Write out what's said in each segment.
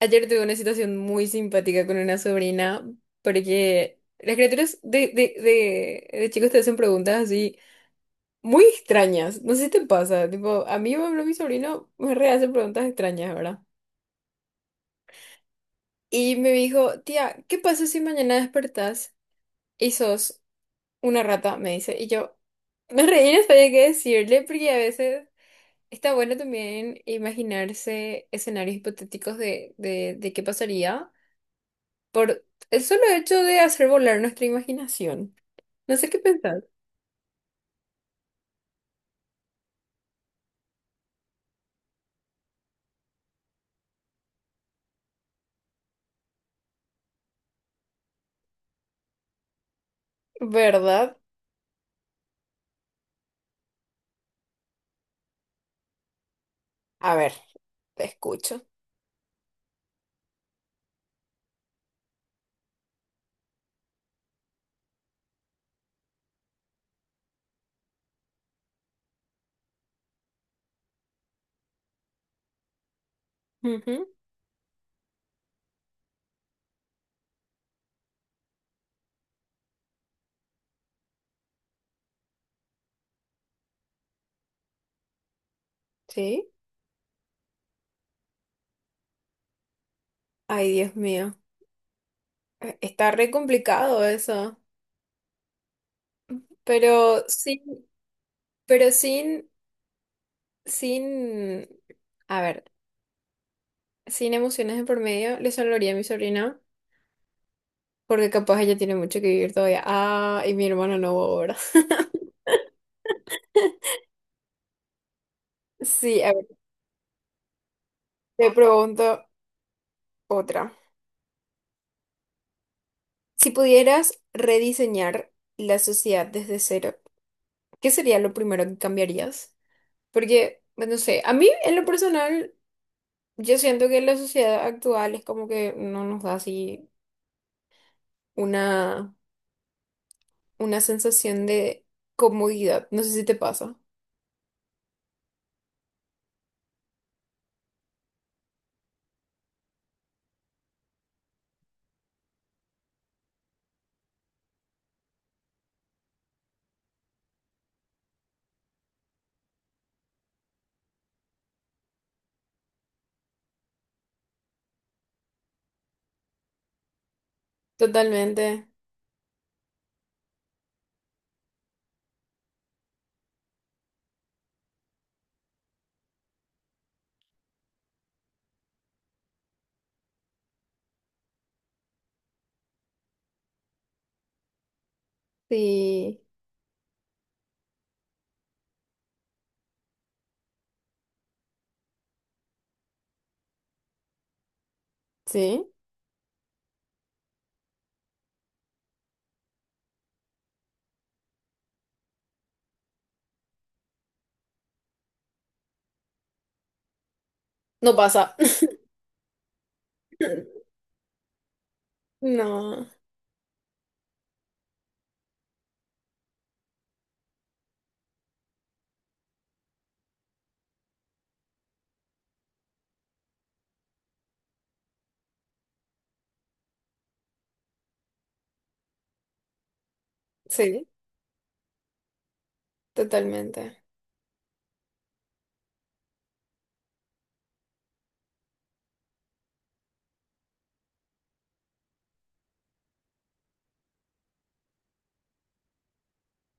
Ayer tuve una situación muy simpática con una sobrina, porque las criaturas de chicos te hacen preguntas así muy extrañas. No sé si te pasa. Tipo, a mí, por ejemplo, mi sobrino me rehace preguntas extrañas, ¿verdad? Y me dijo, tía, ¿qué pasa si mañana despertás y sos una rata? Me dice. Y yo me reí, no sabía qué decirle, porque a veces está bueno también imaginarse escenarios hipotéticos de qué pasaría. Por el solo hecho de hacer volar nuestra imaginación. No sé qué pensar. ¿Verdad? A ver, te escucho. Ujú. Sí. Ay, Dios mío. Está re complicado eso. Pero sin, pero sin, a ver, sin emociones de por medio, le salvaría a mi sobrina, porque capaz ella tiene mucho que vivir todavía. Ah, y mi hermano no ahora. Sí, a ver, te pregunto otra. Si pudieras rediseñar la sociedad desde cero, ¿qué sería lo primero que cambiarías? Porque, pues, no sé, a mí en lo personal, yo siento que la sociedad actual es como que no nos da así una, una sensación de comodidad. No sé si te pasa. Totalmente. Sí. Sí. No pasa. No. Sí, totalmente.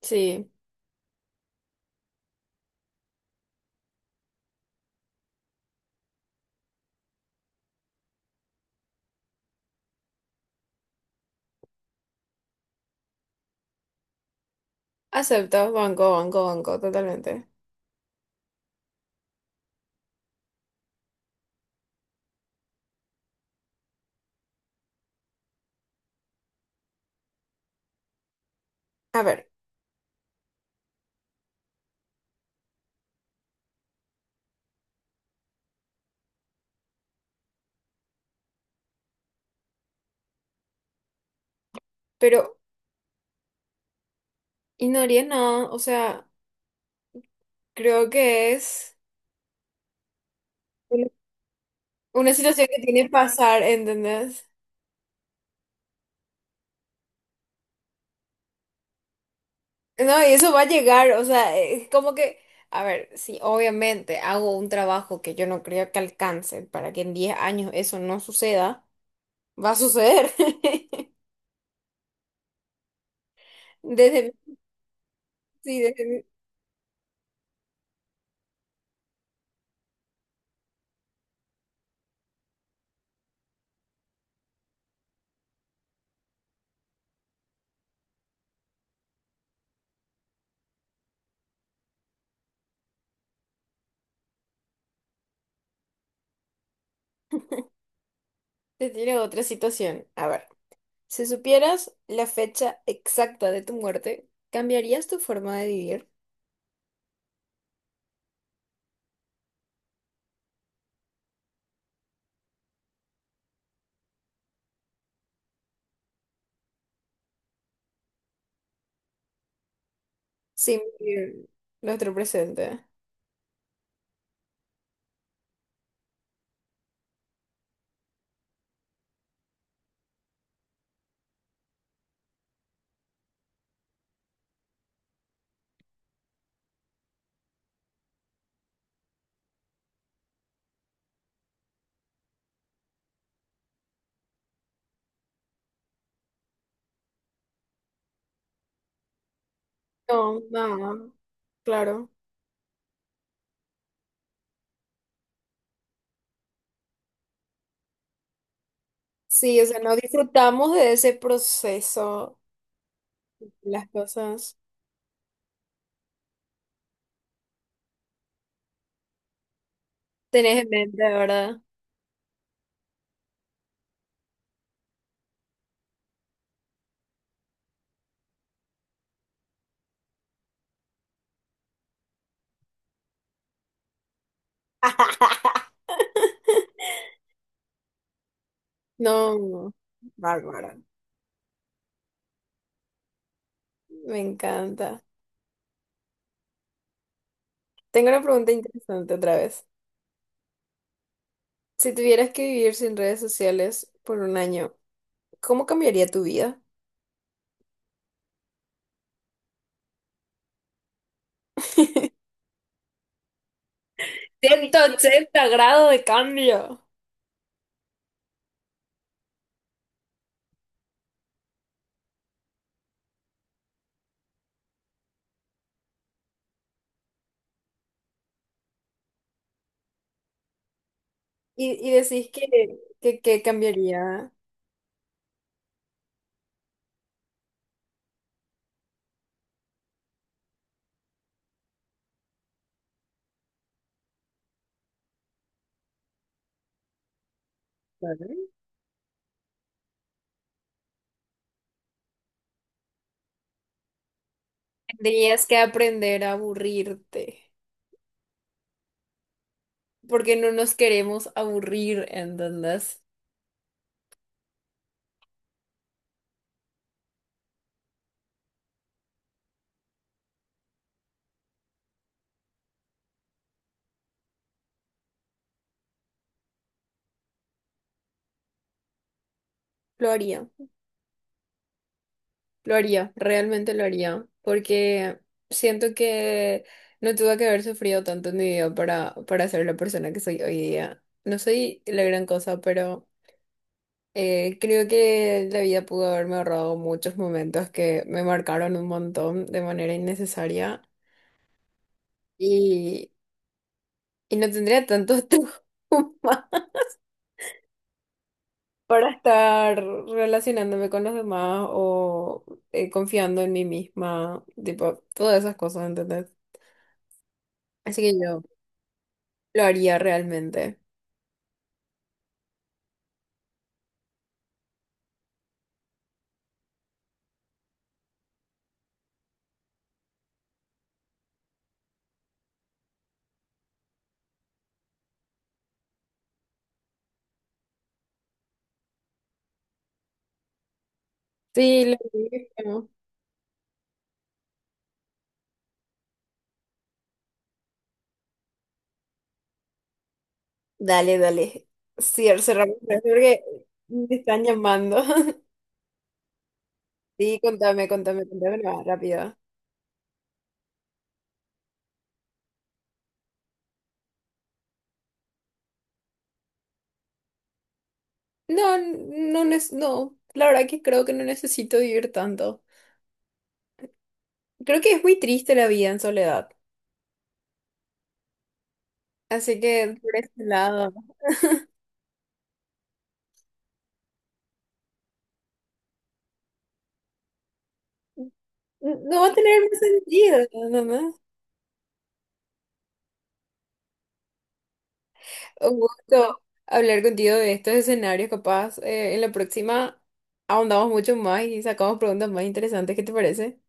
Sí. Acepto, banco, banco, banco, totalmente. A ver, pero, y no haría nada, o sea, creo que es... Una situación que tiene que pasar, ¿entendés? No, y eso va a llegar, o sea, es como que, a ver, si obviamente hago un trabajo que yo no creo que alcance para que en 10 años eso no suceda, va a suceder. Desde, mi- sí, te tiro otra situación. A ver, si supieras la fecha exacta de tu muerte, ¿cambiarías tu forma de vivir sin vivir nuestro presente? No, no, claro. Sí, o sea, no disfrutamos de ese proceso, las cosas. Tenés en mente, ¿verdad? No, no. Bárbara. Me encanta. Tengo una pregunta interesante otra vez. Si tuvieras que vivir sin redes sociales por un año, ¿cómo cambiaría tu vida? 180 grados de cambio. Y decís que, que cambiaría. Claro. Tendrías que aprender a aburrirte, porque no nos queremos aburrir, ¿entendés? Lo haría. Lo haría, realmente lo haría, porque siento que no tuve que haber sufrido tanto en mi vida para ser la persona que soy hoy día. No soy la gran cosa, pero creo que la vida pudo haberme ahorrado muchos momentos que me marcaron un montón de manera innecesaria y, y no tendría tantos traumas para estar relacionándome con los demás o confiando en mí misma, tipo, todas esas cosas, ¿entendés? Así que yo... Lo haría realmente. Sí, lo mismo. Dale, dale. Sí, cerramos esto porque me están llamando. Sí, contame, contame, contame más rápido. No, no, no, la verdad que creo que no necesito vivir tanto. Creo que es muy triste la vida en soledad. Así que por ese lado, no va a tener más sentido. ¿No? No. Un gusto hablar contigo de estos escenarios, capaz. En la próxima ahondamos mucho más y sacamos preguntas más interesantes. ¿Qué te parece?